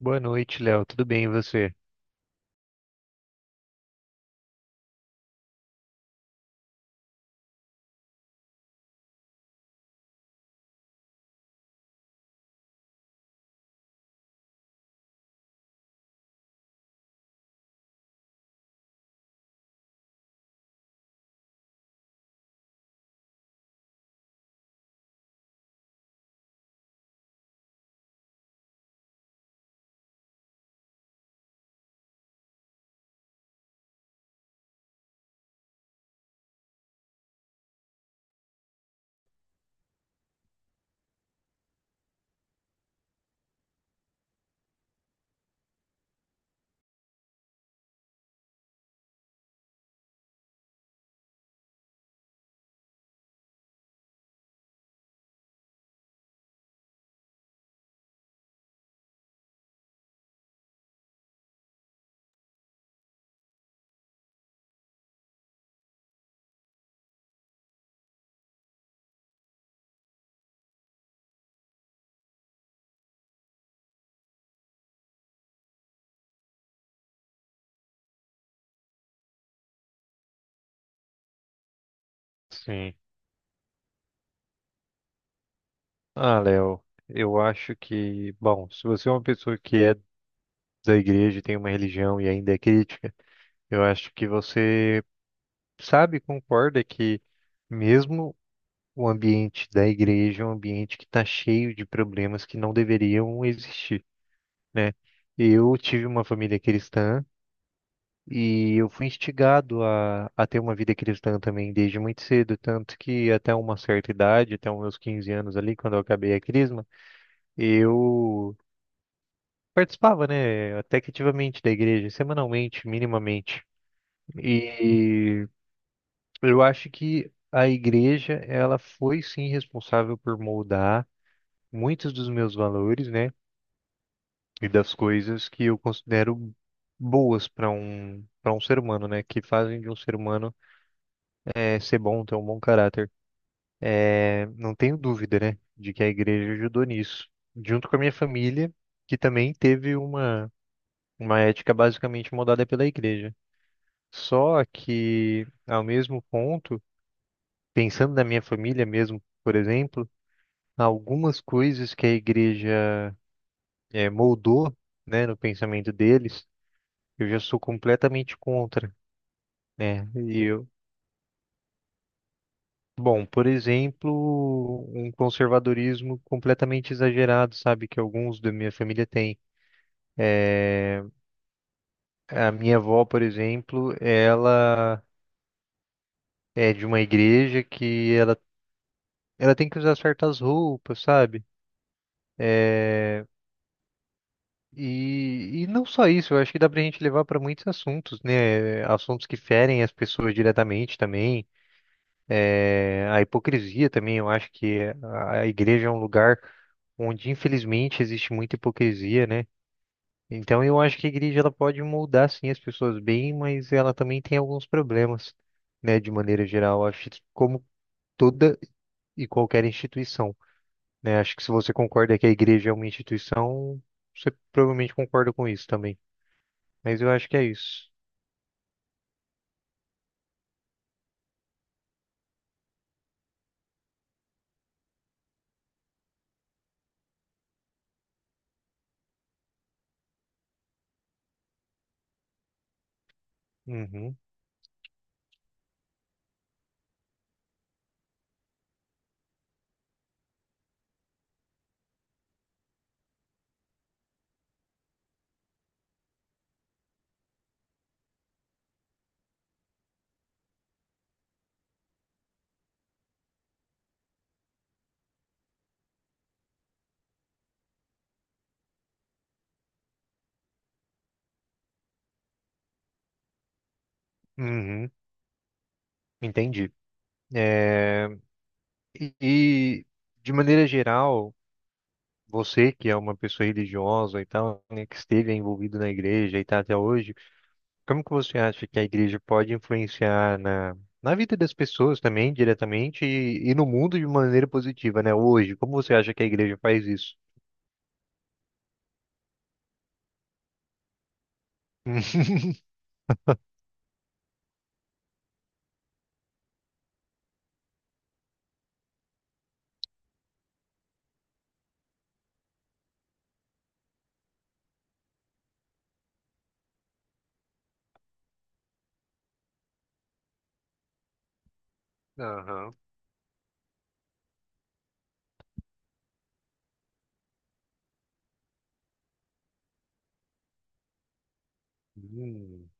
Boa noite, Léo. Tudo bem, e você? Sim. Ah, Léo, eu acho que, bom, se você é uma pessoa que é da igreja, e tem uma religião e ainda é crítica, eu acho que você sabe, concorda que mesmo o ambiente da igreja é um ambiente que está cheio de problemas que não deveriam existir, né? Eu tive uma família cristã. E eu fui instigado a ter uma vida cristã também desde muito cedo, tanto que até uma certa idade, até os meus 15 anos ali, quando eu acabei a crisma, eu participava, né, até que ativamente da igreja, semanalmente, minimamente. E eu acho que a igreja, ela foi sim responsável por moldar muitos dos meus valores, né, e das coisas que eu considero boas para um ser humano, né, que fazem de um ser humano ser bom, ter um bom caráter. Não tenho dúvida, né, de que a igreja ajudou nisso, junto com a minha família, que também teve uma ética basicamente moldada pela igreja. Só que, ao mesmo ponto, pensando na minha família mesmo, por exemplo, algumas coisas que a igreja moldou, né, no pensamento deles, eu já sou completamente contra, né? E eu, bom, por exemplo, um conservadorismo completamente exagerado, sabe, que alguns da minha família têm. é A minha avó, por exemplo, ela é de uma igreja que ela tem que usar certas roupas, sabe? É, e não só isso, eu acho que dá pra gente levar para muitos assuntos, né? Assuntos que ferem as pessoas diretamente também. É, a hipocrisia também, eu acho que a igreja é um lugar onde infelizmente existe muita hipocrisia, né? Então eu acho que a igreja ela pode moldar sim as pessoas bem, mas ela também tem alguns problemas, né, de maneira geral. Acho que como toda e qualquer instituição, né? Acho que se você concorda que a igreja é uma instituição, você provavelmente concorda com isso também. Mas eu acho que é isso. Uhum, uhum, entendi. É, e, e, de maneira geral, você que é uma pessoa religiosa e tal, né, que esteve envolvido na igreja e está até hoje, como que você acha que a igreja pode influenciar na na vida das pessoas também, diretamente, e no mundo de maneira positiva, né? Hoje, como você acha que a igreja faz isso? Aham. Hum.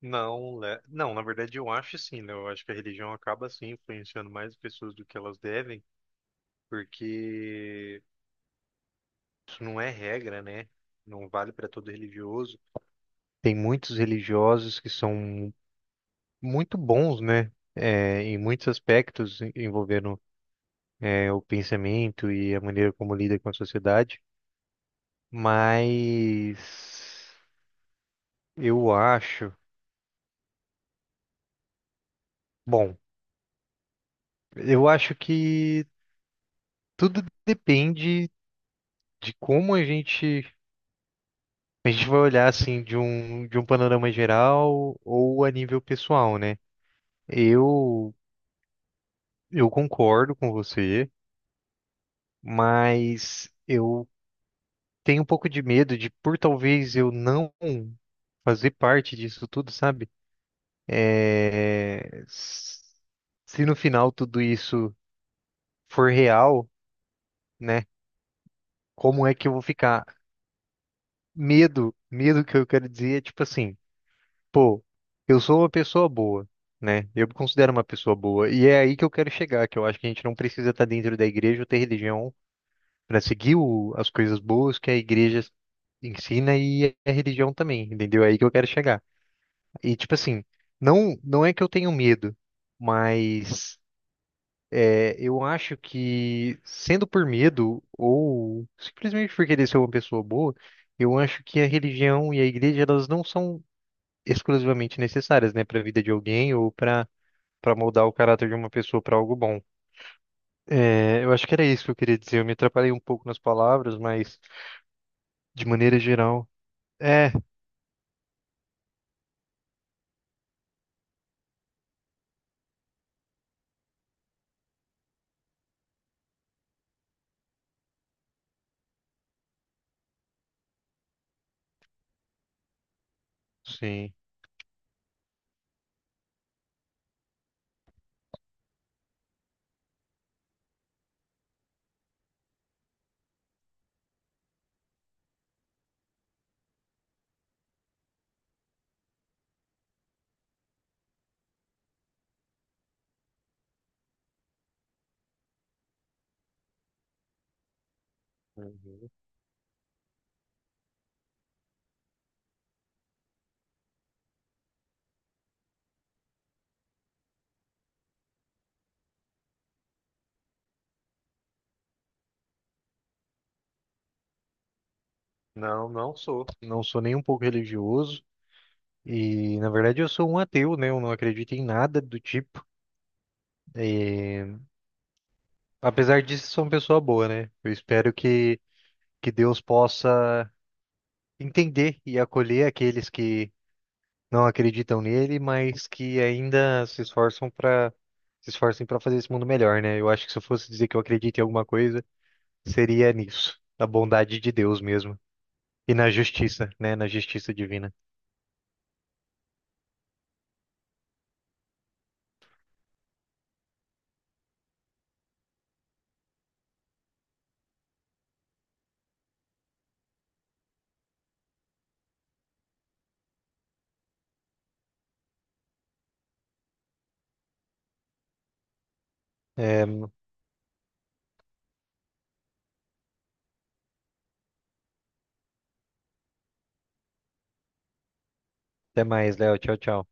Não, não, na verdade eu acho sim, né? Eu acho que a religião acaba sim influenciando mais as pessoas do que elas devem, porque isso não é regra, né? Não vale para todo religioso. Tem muitos religiosos que são muito bons, né? É, em muitos aspectos envolvendo é, o pensamento e a maneira como lida com a sociedade, mas eu acho, bom, eu acho que tudo depende. De como a gente vai olhar assim de um panorama geral ou a nível pessoal, né? Eu eu concordo com você, mas eu tenho um pouco de medo de por talvez eu não fazer parte disso tudo, sabe? É, se no final tudo isso for real, né? Como é que eu vou ficar? Medo, medo que eu quero dizer é tipo assim. Pô, eu sou uma pessoa boa, né? Eu me considero uma pessoa boa. E é aí que eu quero chegar, que eu acho que a gente não precisa estar dentro da igreja ou ter religião para seguir as coisas boas que a igreja ensina e a religião também, entendeu? É aí que eu quero chegar. E tipo assim, não, não é que eu tenho medo, mas é, eu acho que sendo por medo ou simplesmente por querer ser uma pessoa boa, eu acho que a religião e a igreja elas não são exclusivamente necessárias, né, para a vida de alguém ou para moldar o caráter de uma pessoa para algo bom. É, eu acho que era isso que eu queria dizer. Eu me atrapalhei um pouco nas palavras, mas de maneira geral, é, sim. Uhum. Não, não sou. Não sou nem um pouco religioso. E, na verdade, eu sou um ateu, né? Eu não acredito em nada do tipo. É, apesar disso, sou uma pessoa boa, né? Eu espero que Deus possa entender e acolher aqueles que não acreditam nele, mas que ainda se esforçam para se esforcem para fazer esse mundo melhor, né? Eu acho que se eu fosse dizer que eu acredito em alguma coisa, seria nisso, na bondade de Deus mesmo e na justiça, né? Na justiça divina. É, até mais, Léo. Tchau, tchau.